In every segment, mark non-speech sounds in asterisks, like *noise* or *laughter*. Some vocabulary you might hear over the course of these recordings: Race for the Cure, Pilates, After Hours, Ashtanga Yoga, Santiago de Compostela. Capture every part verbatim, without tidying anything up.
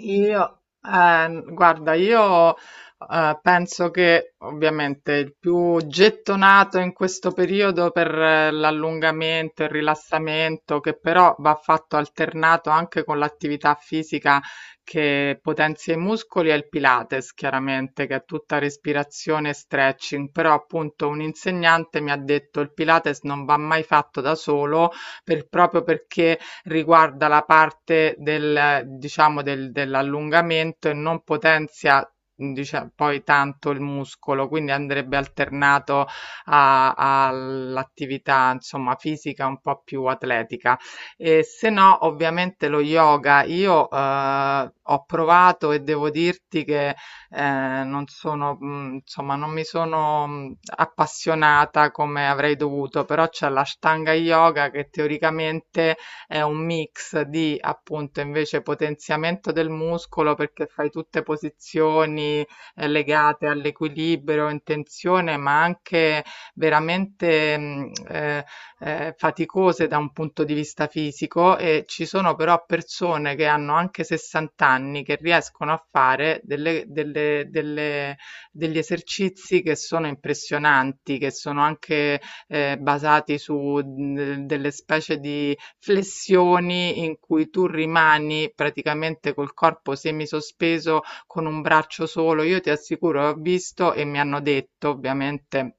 Io, eh, guarda, io eh, penso che ovviamente il più gettonato in questo periodo per eh, l'allungamento, il rilassamento, che però va fatto alternato anche con l'attività fisica che potenzia i muscoli, è il Pilates, chiaramente, che è tutta respirazione e stretching. Però appunto un insegnante mi ha detto il Pilates non va mai fatto da solo per- proprio perché riguarda la parte del, diciamo, del- dell'allungamento e non potenzia. Dice- poi tanto il muscolo, quindi andrebbe alternato a- all'attività, insomma, fisica un po' più atletica. E se no, ovviamente lo yoga, io eh, ho provato e devo dirti che eh, non sono, mh, insomma, non mi sono mh, appassionata come avrei dovuto, però c'è la Ashtanga Yoga che teoricamente è un mix di appunto invece potenziamento del muscolo perché fai tutte posizioni eh, legate all'equilibrio, in tensione, ma anche veramente mh, eh, eh, faticose da un punto di vista fisico. E ci sono però persone che hanno anche sessanta anni che riescono a fare delle- delle- delle- degli esercizi che sono impressionanti, che sono anche eh, basati su mh, delle specie di flessioni in cui tu rimani praticamente col corpo semisospeso con un braccio solo. Io ti assicuro, ho visto e mi hanno detto, ovviamente.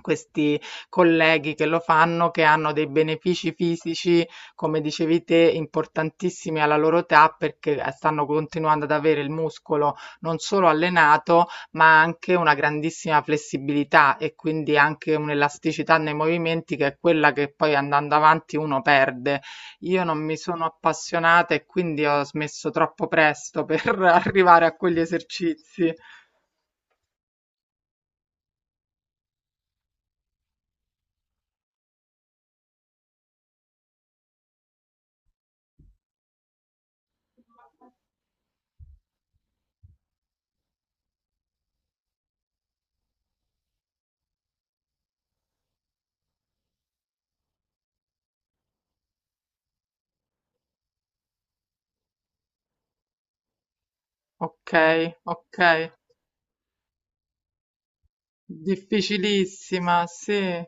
Questi colleghi che lo fanno, che hanno dei benefici fisici, come dicevi te, importantissimi alla loro età, perché stanno continuando ad avere il muscolo non solo allenato, ma anche una grandissima flessibilità, e quindi anche un'elasticità nei movimenti che è quella che poi andando avanti uno perde. Io non mi sono appassionata e quindi ho smesso troppo presto per *laughs* arrivare a quegli esercizi. Ok, ok. Difficilissima, sì.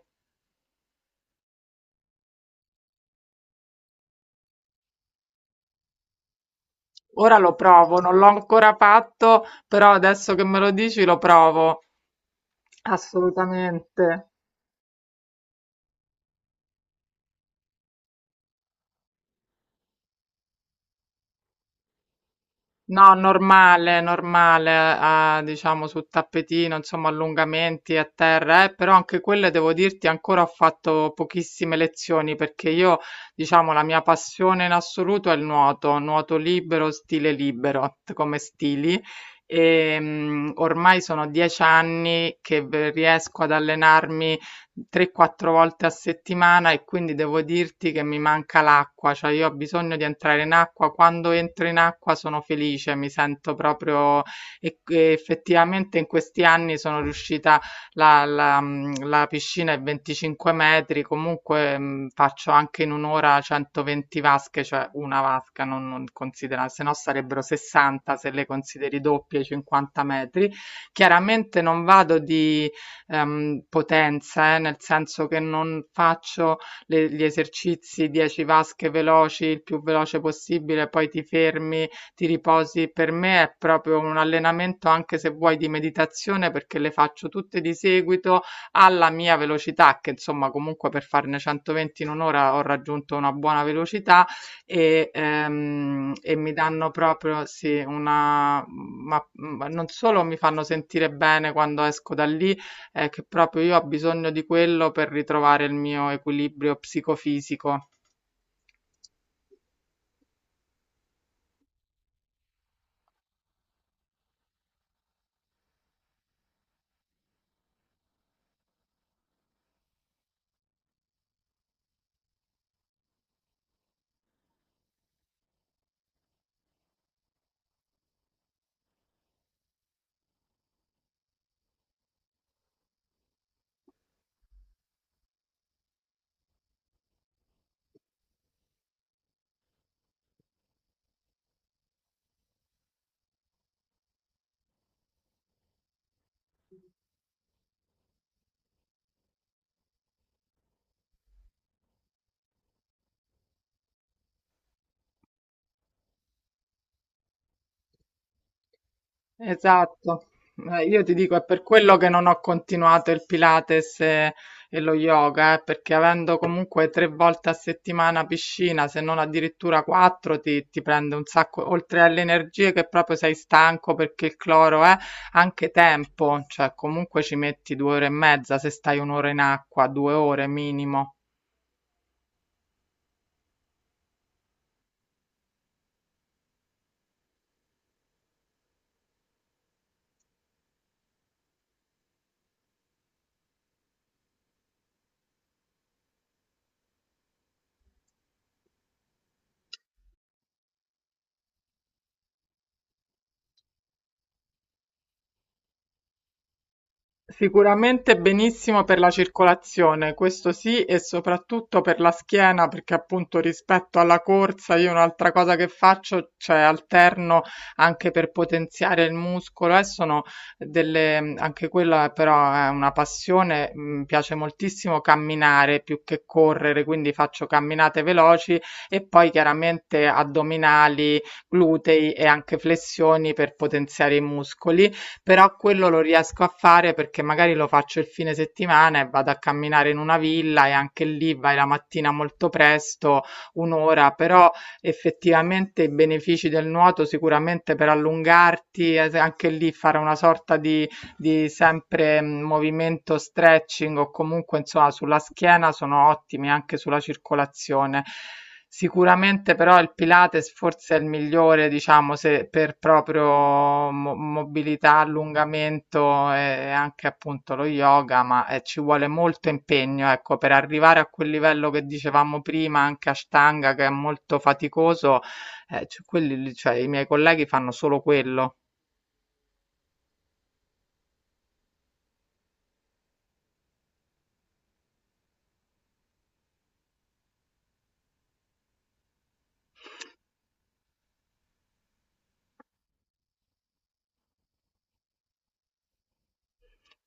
Ora lo provo, non l'ho ancora fatto, però adesso che me lo dici lo provo. Assolutamente. No, normale, normale, ah, diciamo sul tappetino, insomma, allungamenti a terra, eh, però anche quelle devo dirti ancora ho fatto pochissime lezioni, perché io, diciamo, la mia passione in assoluto è il nuoto, nuoto libero, stile libero t- come stili. E, mm, ormai sono dieci anni che v- riesco ad allenarmi tre, quattro volte a settimana, e quindi devo dirti che mi manca l'acqua, cioè io ho bisogno di entrare in acqua, quando entro in acqua sono felice, mi sento proprio. E, e effettivamente in questi anni sono riuscita, la, la, mh, la piscina è venticinque metri, comunque mh, faccio anche in un'ora centoventi vasche, cioè una vasca non, non considera, se no sarebbero sessanta se le consideri doppie, cinquanta metri. Chiaramente non vado di ehm, potenza, eh, nel senso che non faccio le- gli esercizi dieci vasche veloci, il più veloce possibile, poi ti fermi, ti riposi. Per me è proprio un allenamento, anche se vuoi, di meditazione, perché le faccio tutte di seguito alla mia velocità, che insomma comunque per farne centoventi in un'ora ho raggiunto una buona velocità, e, ehm, e mi danno proprio sì, una, ma ma non solo mi fanno sentire bene quando esco da lì, è che proprio io ho bisogno di quello per ritrovare il mio equilibrio psicofisico. Esatto. Eh, Io ti dico, è per quello che non ho continuato il Pilates e, e lo yoga, eh, perché avendo comunque tre volte a settimana piscina, se non addirittura quattro, ti, ti prende un sacco, oltre alle energie che proprio sei stanco perché il cloro è, anche tempo, cioè comunque ci metti due ore e mezza, se stai un'ora in acqua, due ore minimo. Sicuramente benissimo per la circolazione, questo sì, e soprattutto per la schiena, perché appunto rispetto alla corsa io un'altra cosa che faccio, cioè alterno anche per potenziare il muscolo, e sono delle, anche quella però è una passione, mi piace moltissimo camminare più che correre, quindi faccio camminate veloci e poi chiaramente addominali, glutei e anche flessioni per potenziare i muscoli. Però quello lo riesco a fare perché magari lo faccio il fine settimana e vado a camminare in una villa, e anche lì vai la mattina molto presto, un'ora, però effettivamente i benefici del nuoto sicuramente per allungarti, eh, anche lì fare una sorta di di sempre mm, movimento stretching o comunque insomma sulla schiena sono ottimi, anche sulla circolazione. Sicuramente però il Pilates forse è il migliore, diciamo, se per proprio mo- mobilità, allungamento, e anche appunto lo yoga, ma eh, ci vuole molto impegno, ecco, per arrivare a quel livello che dicevamo prima, anche Ashtanga che è molto faticoso, eh, c- quelli, lì, cioè, i miei colleghi fanno solo quello.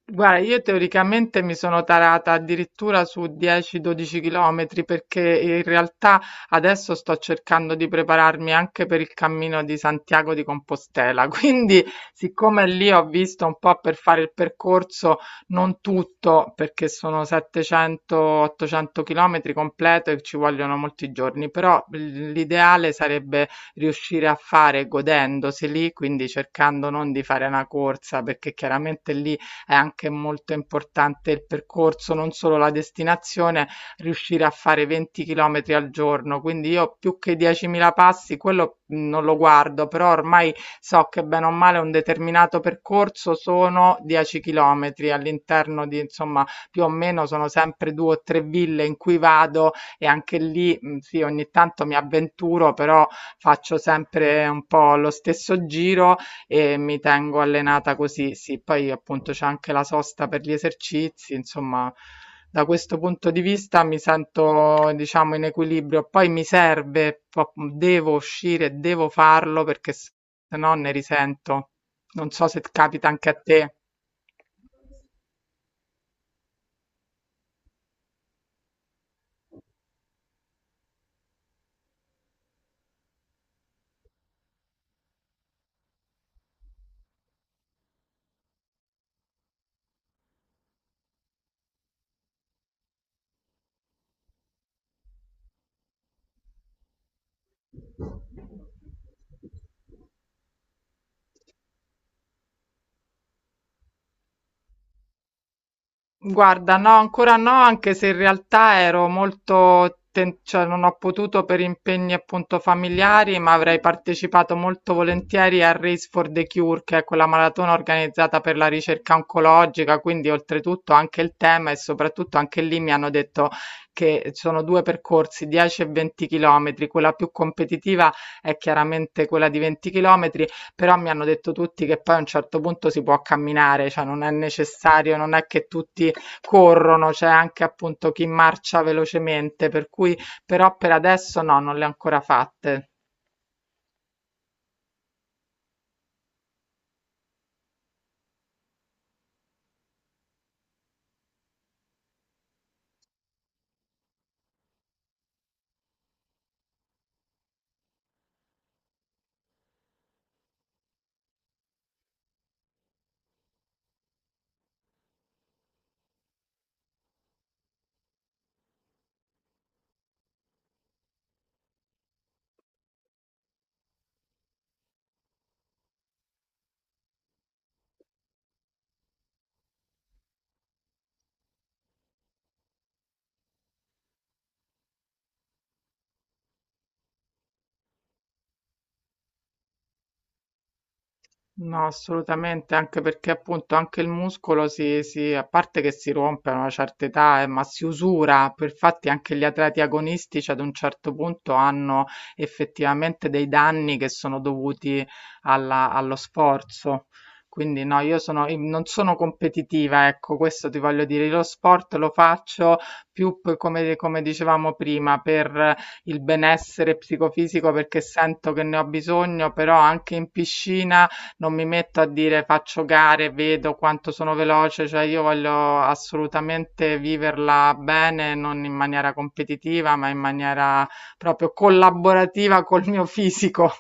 Guarda, io teoricamente mi sono tarata addirittura su dieci dodici chilometri perché in realtà adesso sto cercando di prepararmi anche per il cammino di Santiago di Compostela. *laughs* Quindi, siccome lì ho visto un po' per fare il percorso, non tutto, perché sono settecento ottocento chilometri completo e ci vogliono molti giorni, però l'ideale sarebbe riuscire a fare godendosi lì, quindi cercando non di fare una corsa, perché chiaramente lì è anche molto importante il percorso, non solo la destinazione, riuscire a fare venti chilometri al giorno. Quindi io più che diecimila passi, quello mh, non lo guardo, però ormai so che bene o male un determinato percorso sono dieci chilometri, all'interno di, insomma, più o meno sono sempre due o tre ville in cui vado, e anche lì, mh, sì, ogni tanto mi avventuro, però faccio sempre un po' lo stesso giro e mi tengo allenata così. Sì, poi appunto c'è anche la sosta per gli esercizi, insomma, da questo punto di vista mi sento, diciamo, in equilibrio. Poi mi serve, po- devo uscire, devo farlo perché se no ne risento. Non so se capita anche a te. Guarda, no, ancora no, anche se in realtà ero molto, ten- cioè non ho potuto per impegni appunto familiari, ma avrei partecipato molto volentieri a Race for the Cure, che è quella maratona organizzata per la ricerca oncologica, quindi oltretutto anche il tema, e soprattutto anche lì mi hanno detto che sono due percorsi, dieci e venti chilometri, quella più competitiva è chiaramente quella di venti chilometri, però mi hanno detto tutti che poi a un certo punto si può camminare, cioè non è necessario, non è che tutti corrono, c'è anche appunto chi marcia velocemente, per cui però per adesso no, non le ho ancora fatte. No, assolutamente, anche perché appunto anche il muscolo si, si- a parte che si rompe a una certa età, eh, ma si usura. Per Infatti anche gli atleti agonistici ad un certo punto hanno effettivamente dei danni che sono dovuti alla- allo sforzo. Quindi no, io sono, io non sono competitiva, ecco, questo ti voglio dire. Lo sport lo faccio più p- come, come dicevamo prima, per il benessere psicofisico perché sento che ne ho bisogno, però anche in piscina non mi metto a dire faccio gare, vedo quanto sono veloce, cioè io voglio assolutamente viverla bene, non in maniera competitiva, ma in maniera proprio collaborativa col mio fisico.